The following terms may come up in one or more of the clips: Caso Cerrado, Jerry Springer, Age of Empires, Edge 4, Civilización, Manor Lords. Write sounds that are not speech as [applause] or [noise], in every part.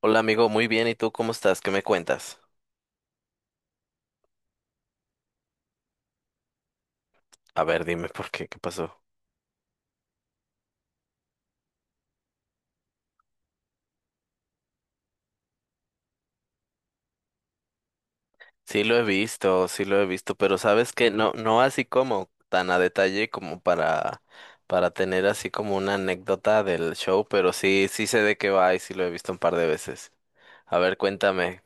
Hola amigo, muy bien. ¿Y tú cómo estás? ¿Qué me cuentas? A ver, dime por qué, ¿qué pasó? Sí lo he visto, sí lo he visto, pero sabes que no, no así como tan a detalle como para tener así como una anécdota del show, pero sí, sí sé de qué va y sí lo he visto un par de veces. A ver, cuéntame.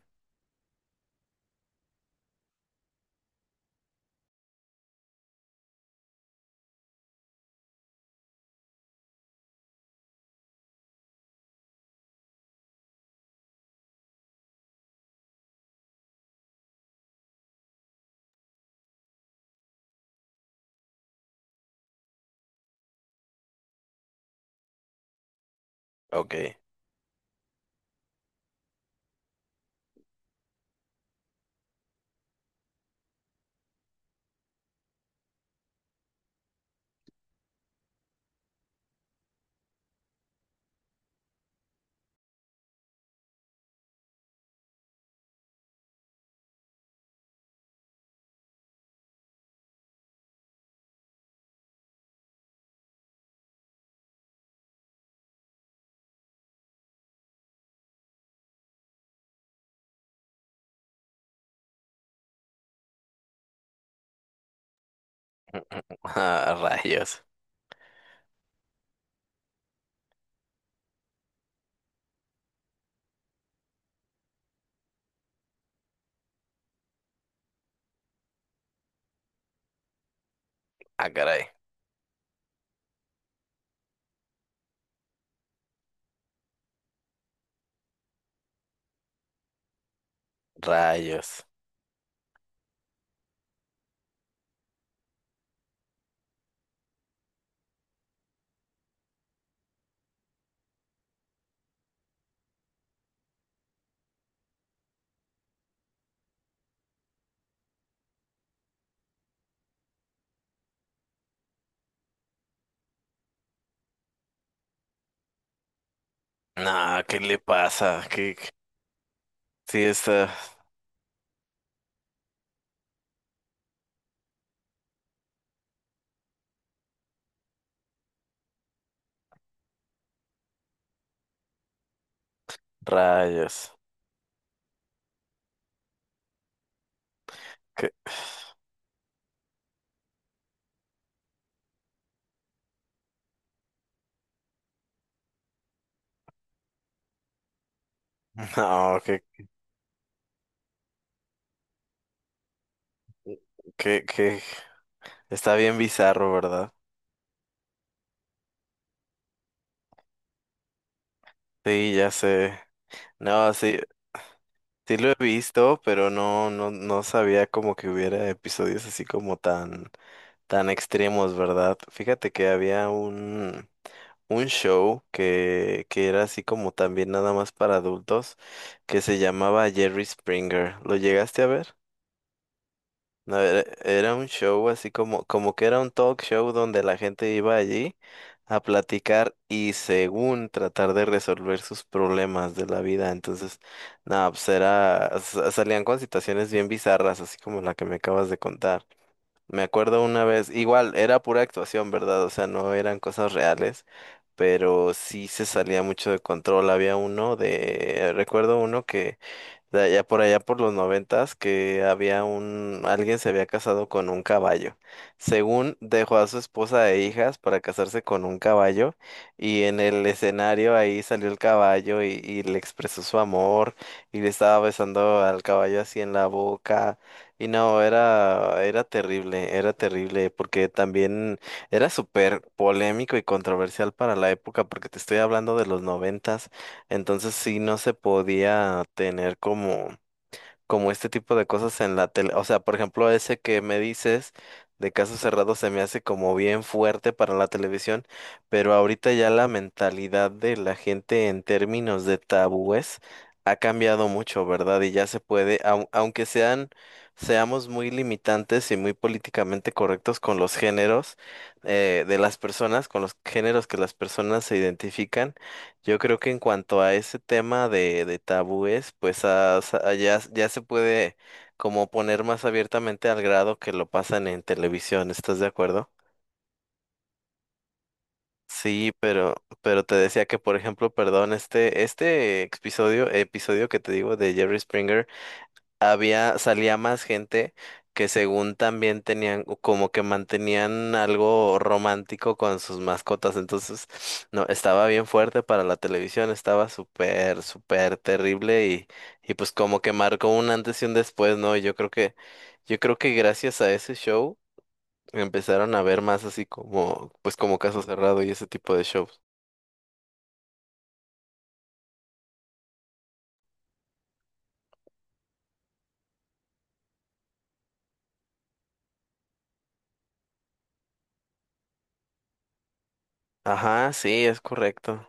Ok. [laughs] Ah, rayos. Ah, caray. Rayos. Nah, ¿qué le pasa? ¿Qué? Sí está. Rayos. ¿Qué? [laughs] No, que, que. Está bien bizarro, ¿verdad? Sí, ya sé. No, sí, sí lo he visto, pero no, no, no sabía como que hubiera episodios así como tan, extremos, ¿verdad? Fíjate que había un show que era así como también nada más para adultos, que se llamaba Jerry Springer. ¿Lo llegaste a ver? No, era, un show así como que era un talk show donde la gente iba allí a platicar y según tratar de resolver sus problemas de la vida. Entonces, nada, pues era, salían con situaciones bien bizarras, así como la que me acabas de contar. Me acuerdo una vez, igual, era pura actuación, ¿verdad? O sea, no eran cosas reales, pero sí se salía mucho de control. Recuerdo uno que de allá por allá por los 90s que había alguien se había casado con un caballo. Según dejó a su esposa e hijas para casarse con un caballo y en el escenario ahí salió el caballo y le expresó su amor y le estaba besando al caballo así en la boca. Y no, era, era terrible, porque también era súper polémico y controversial para la época, porque te estoy hablando de los 90s. Entonces sí no se podía tener como, este tipo de cosas en la tele. O sea, por ejemplo, ese que me dices de caso cerrado se me hace como bien fuerte para la televisión, pero ahorita ya la mentalidad de la gente en términos de tabúes ha cambiado mucho, ¿verdad? Y ya se puede, aunque seamos muy limitantes y muy políticamente correctos con los géneros de las personas, con los géneros que las personas se identifican. Yo creo que en cuanto a ese tema de tabúes, ya se puede como poner más abiertamente al grado que lo pasan en televisión, ¿estás de acuerdo? Sí, pero te decía que, por ejemplo, perdón, este episodio que te digo de Jerry Springer, salía más gente que según también tenían, o como que mantenían algo romántico con sus mascotas. Entonces, no, estaba bien fuerte para la televisión, estaba súper, súper terrible y pues como que marcó un antes y un después, ¿no? Y yo creo que gracias a ese show empezaron a ver más así como, pues como Caso Cerrado y ese tipo de shows. Ajá, sí, es correcto.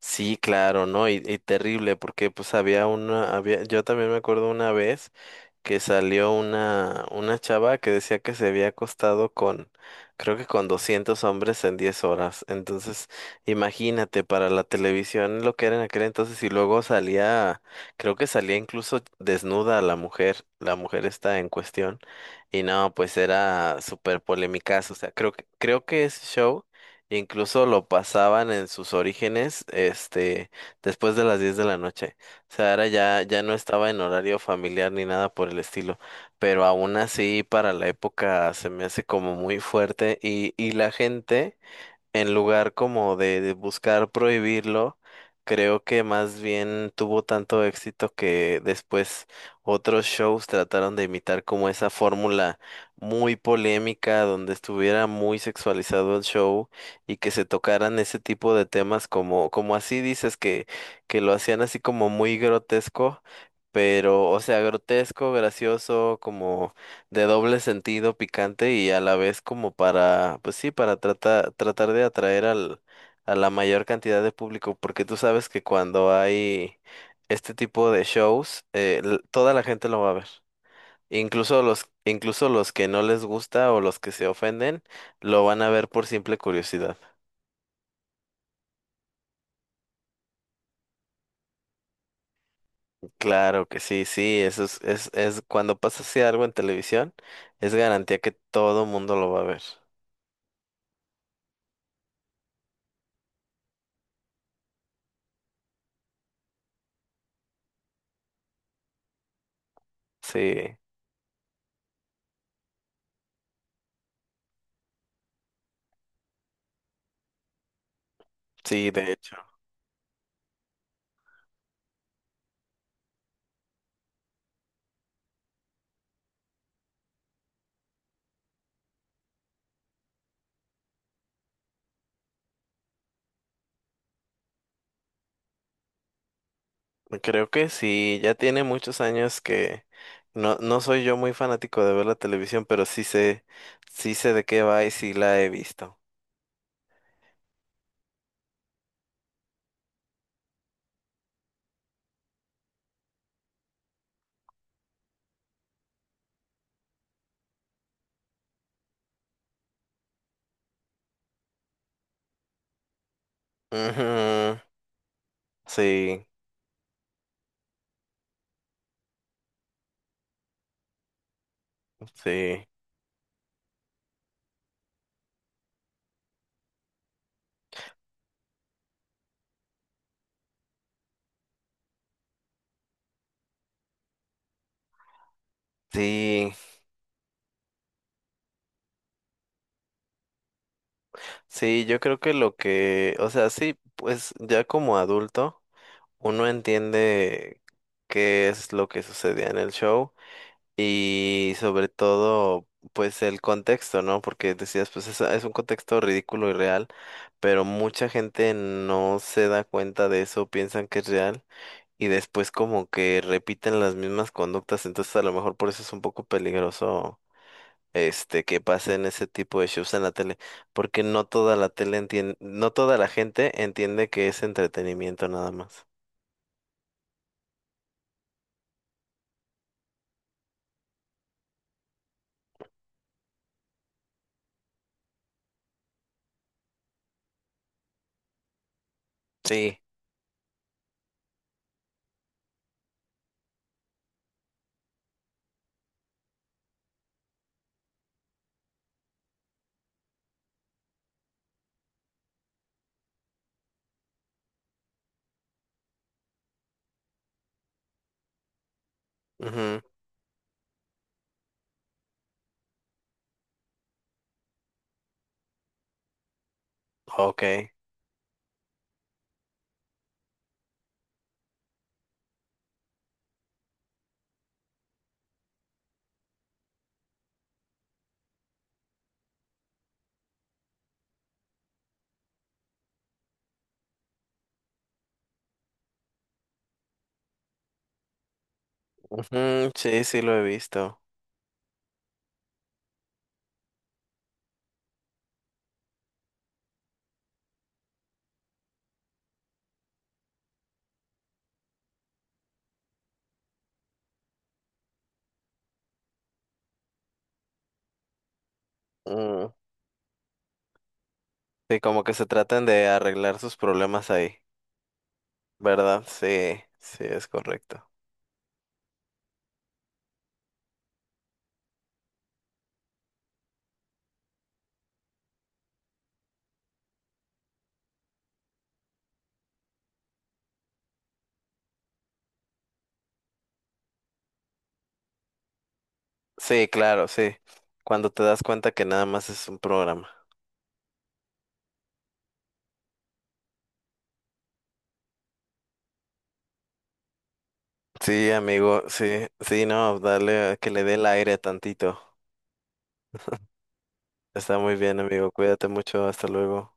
Sí, claro, ¿no? Y terrible, porque pues había, yo también me acuerdo una vez que salió una chava que decía que se había acostado con, creo que con 200 hombres en 10 horas. Entonces, imagínate para la televisión lo que era en aquel entonces y luego salía, creo que salía incluso desnuda la mujer está en cuestión. Y no, pues era súper polémicazo. O sea, creo que ese show incluso lo pasaban en sus orígenes, después de las 10 de la noche. Sea, ahora ya, ya no estaba en horario familiar ni nada por el estilo, pero aún así para la época se me hace como muy fuerte y la gente en lugar como de buscar prohibirlo, creo que más bien tuvo tanto éxito que después otros shows trataron de imitar como esa fórmula muy polémica, donde estuviera muy sexualizado el show y que se tocaran ese tipo de temas como, como así dices, que lo hacían así como muy grotesco. Pero, o sea, grotesco, gracioso, como de doble sentido picante y a la vez como para, pues sí, para tratar, tratar de atraer al, a la mayor cantidad de público, porque tú sabes que cuando hay este tipo de shows, toda la gente lo va a ver. Incluso los que no les gusta o los que se ofenden, lo van a ver por simple curiosidad. Claro que sí, sí, eso es, es cuando pasa así algo en televisión, es garantía que todo mundo lo va a ver. Sí, sí, de hecho. Creo que sí, ya tiene muchos años que no, no soy yo muy fanático de ver la televisión, pero sí sé de qué va y sí la he visto. Ujú, sí, sí, sí, sí, yo creo que lo que, o sea, sí, pues ya como adulto uno entiende qué es lo que sucedía en el show. Y sobre todo, pues el contexto, ¿no? Porque decías, pues es un contexto ridículo y real, pero mucha gente no se da cuenta de eso, piensan que es real y después como que repiten las mismas conductas, entonces a lo mejor por eso es un poco peligroso. Que pasen ese tipo de shows en la tele, porque no toda la tele entiende, no toda la gente entiende que es entretenimiento nada más. Sí. Mhm. Okay. Ujú, sí, sí lo he visto. Sí, como que se traten de arreglar sus problemas ahí, ¿verdad? Sí, sí, es correcto. Sí, claro, sí. Cuando te das cuenta que nada más es un programa. Sí, amigo, sí, sí, no, dale, que le dé el aire tantito. Está muy bien, amigo, cuídate mucho, hasta luego.